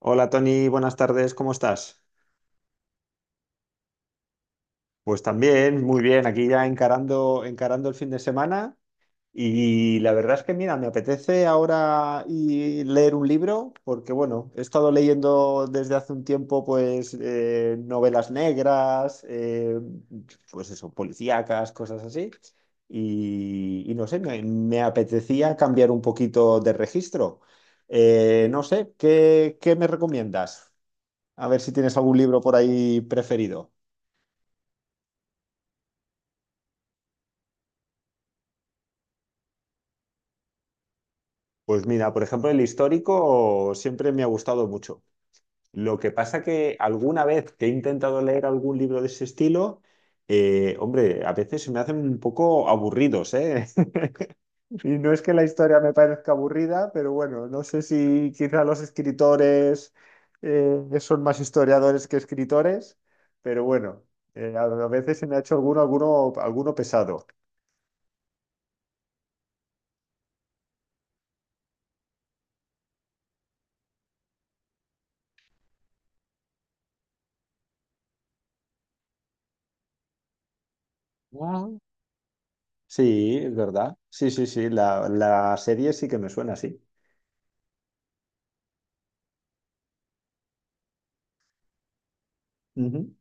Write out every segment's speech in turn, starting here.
Hola Tony, buenas tardes, ¿cómo estás? Pues también, muy bien, aquí ya encarando, encarando el fin de semana y la verdad es que mira, me apetece ahora y leer un libro porque bueno, he estado leyendo desde hace un tiempo pues novelas negras, pues eso, policíacas, cosas así y no sé, me apetecía cambiar un poquito de registro. No sé, ¿ qué me recomiendas? A ver si tienes algún libro por ahí preferido. Pues mira, por ejemplo, el histórico siempre me ha gustado mucho. Lo que pasa que alguna vez que he intentado leer algún libro de ese estilo, hombre, a veces se me hacen un poco aburridos, ¿eh? Y no es que la historia me parezca aburrida, pero bueno, no sé si quizá los escritores son más historiadores que escritores, pero bueno, a veces se me ha hecho alguno pesado. Sí, es verdad. Sí, sí, sí. La serie sí que me suena así. Ujú.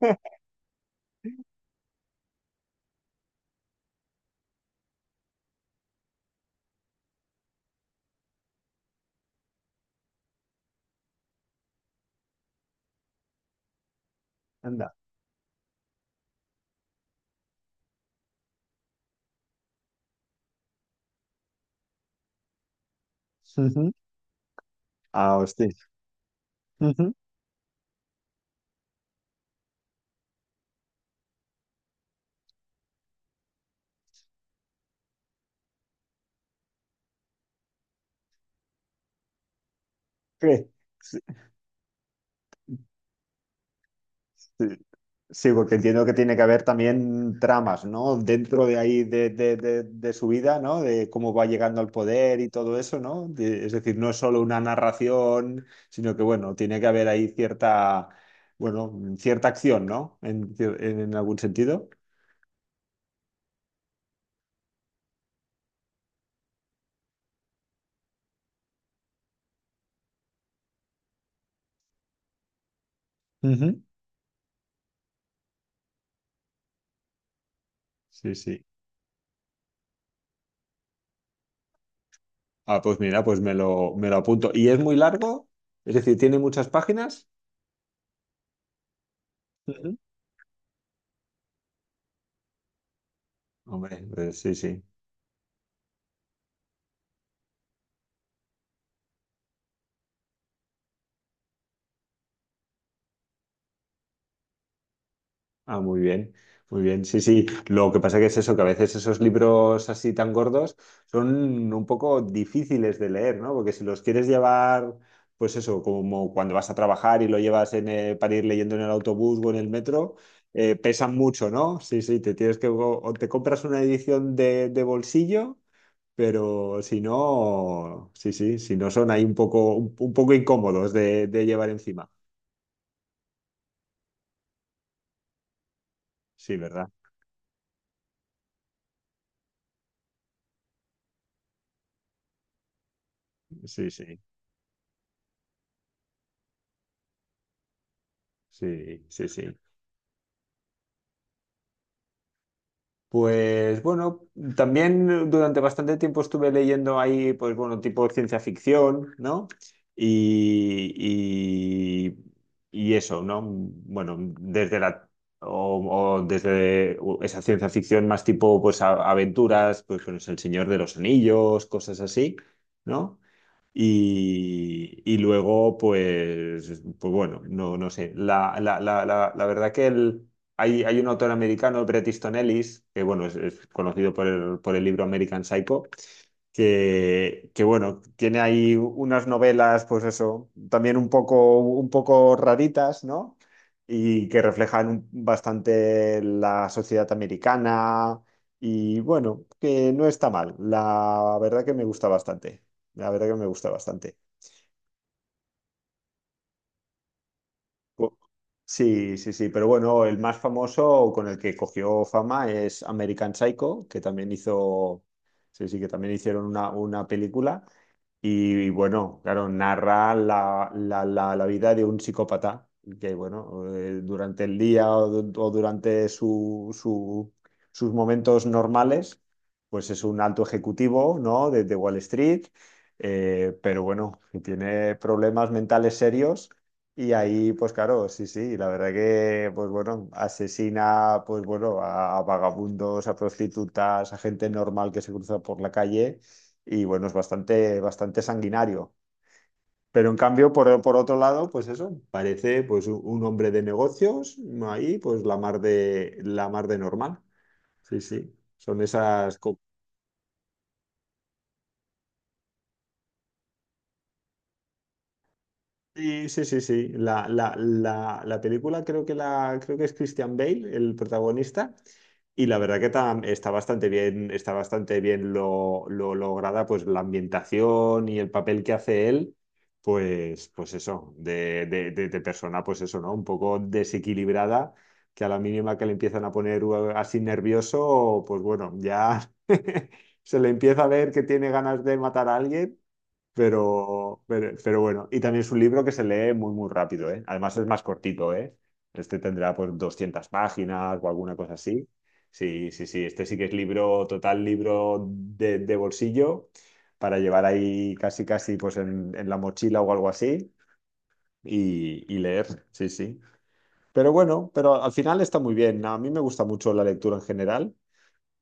Anda. Ujú. Ah, hostia. Ujú. ¿Qué? Sí, sí. Sí, porque entiendo que tiene que haber también tramas, ¿no? Dentro de ahí de su vida, ¿no? De cómo va llegando al poder y todo eso, ¿no? Es decir, no es solo una narración, sino que, bueno, tiene que haber ahí cierta, bueno, cierta acción, ¿no? En algún sentido. Ujú. Sí, sí. Ah, pues mira, me lo apunto. ¿Y es muy largo? Es decir, ¿tiene muchas páginas? Ujú. Hombre, pues sí, sí. Ah, muy bien, muy bien. Sí, sí. Lo que pasa que es eso, que a veces esos libros así tan gordos son un poco difíciles de leer, ¿no? Porque si los quieres llevar, pues eso, como cuando vas a trabajar y lo llevas en, para ir leyendo en el autobús o en el metro, pesan mucho, ¿no? Sí, sí, o te compras una edición de bolsillo. Pero si no, sí, sí, si no son ahí un poco, un poco incómodos de llevar encima. Sí, ¿verdad? Sí, sí, sí, sí, sí. Pues bueno, también durante bastante tiempo estuve leyendo ahí, pues bueno, tipo ciencia ficción, ¿no? Y, y eso, ¿no? Bueno, o desde esa ciencia ficción más tipo, pues aventuras, pues con El Señor de los Anillos, cosas así, ¿no? Y luego, pues, pues bueno, no, no sé. La verdad que hay, hay un autor americano, Bret Easton Ellis, que bueno, es conocido por el libro American Psycho, bueno, tiene ahí unas novelas, pues eso, también un poco raritas, ¿no? Y que reflejan bastante la sociedad americana y bueno, que no está mal. La verdad que me gusta bastante. La verdad que me gusta bastante. Po- Sí, sí, sí, pero bueno, el más famoso con el que cogió fama es American Psycho, que también hizo, sí, sí, que también hicieron una película. Y bueno, claro, narra la vida de un psicópata que, bueno, durante el día o durante sus momentos normales, pues es un alto ejecutivo, ¿no? De Wall Street, pero bueno, que tiene problemas mentales serios. Y ahí, pues claro, sí, sí, la verdad que, pues bueno, asesina, pues bueno, a vagabundos, a prostitutas, a gente normal que se cruza por la calle y bueno, es bastante, bastante sanguinario. Pero en cambio, por otro lado, pues eso, parece pues un hombre de negocios, ahí pues la mar de normal. Sí, sí, sí, sí, sí, sí. La película creo que la, creo que es Christian Bale, el protagonista. Y la verdad que está bastante bien lo lograda, pues la ambientación y el papel que hace él, pues, pues eso, de persona, pues eso, ¿no? Un poco desequilibrada, que a la mínima que le empiezan a poner así nervioso, pues bueno, ya se le empieza a ver que tiene ganas de matar a alguien pero, pero bueno, y también es un libro que se lee muy, muy rápido, ¿eh? Además es más cortito, ¿eh? Este tendrá pues 200 páginas o alguna cosa así. Sí, sí, sí, este sí que es libro, total libro de bolsillo para llevar ahí casi, casi pues en la mochila o algo así y leer, sí, sí. Pero bueno, pero al final está muy bien. A mí me gusta mucho la lectura en general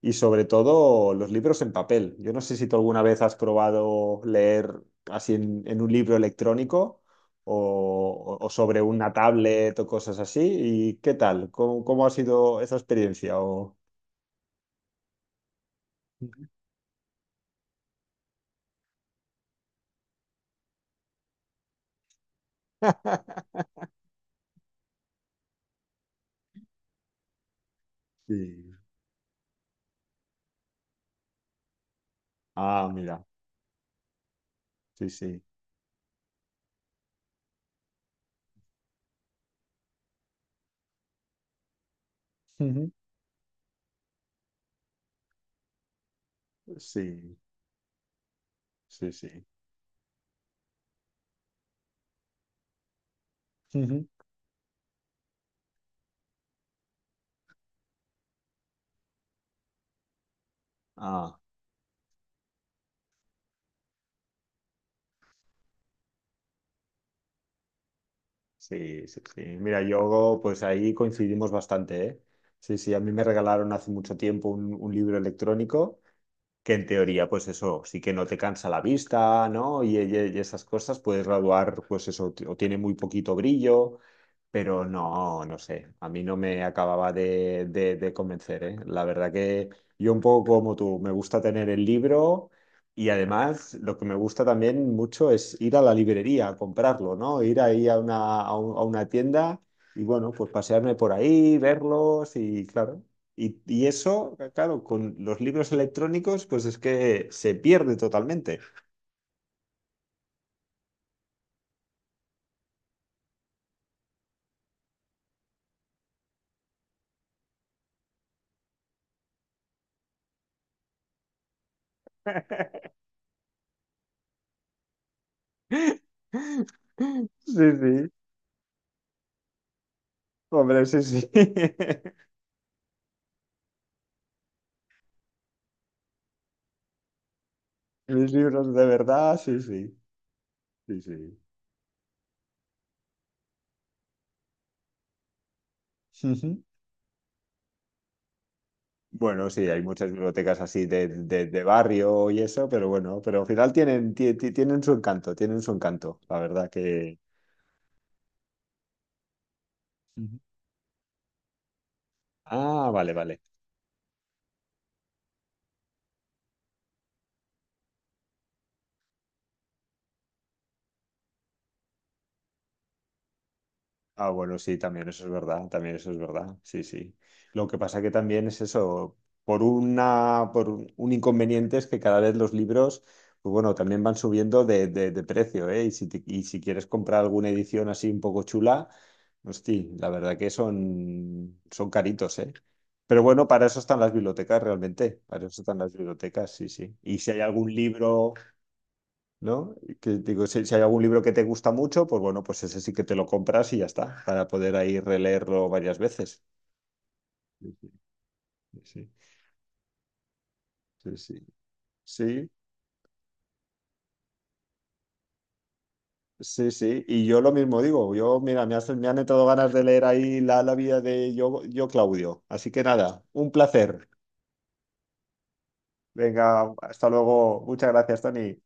y sobre todo los libros en papel. Yo no sé si tú alguna vez has probado leer así en un libro electrónico o sobre una tablet o cosas así. ¿Y qué tal? ¿ cómo ha sido esa experiencia? O... Sí. Ah, mira. Sí, sí. Ujú. Sí, sí, sí. Ujú. Ah, sí, sí, sí. Mira, yo pues ahí coincidimos bastante, ¿eh? Sí, sí, a mí me regalaron hace mucho tiempo un libro electrónico que en teoría, pues eso, sí que no te cansa la vista, ¿no? Y, y esas cosas, puedes graduar, pues eso, o tiene muy poquito brillo, pero no, no sé, a mí no me acababa de convencer, ¿eh? La verdad que yo un poco como tú, me gusta tener el libro y además lo que me gusta también mucho es ir a la librería a comprarlo, ¿no? Ir ahí a una, a una tienda y bueno, pues pasearme por ahí, verlos y claro. Y eso, claro, con los libros electrónicos, pues es que se pierde totalmente. Sí, sí, hombre, sí, sí. Mis libros de verdad, sí, sí, sí, sí. Ujú. Bueno, sí, hay muchas bibliotecas así de, de barrio y eso, pero bueno, pero al final tienen, tienen su encanto, la verdad que... Ujú. Ah, vale, vale. Ah, bueno, sí, también eso es verdad, también eso es verdad, sí, sí. Lo que pasa que también es eso, por una, por un inconveniente es que cada vez los libros, pues bueno, también van subiendo de, de precio, ¿eh? Y si, y si quieres comprar alguna edición así un poco chula, hostia, la verdad que son, son caritos, ¿eh? Pero bueno, para eso están las bibliotecas realmente, para eso están las bibliotecas, sí, sí. Y si hay algún libro... ¿No? Que digo, si, si hay algún libro que te gusta mucho, pues bueno, pues ese sí que te lo compras y ya está, para poder ahí releerlo varias veces. Sí, sí, sí, sí. Sí, sí, sí. Sí, sí. Y yo lo mismo digo, yo, mira, me han entrado ganas de leer ahí la, la vida de yo, yo, Claudio. Así que nada, un placer. Venga, hasta luego. Muchas gracias, Tony.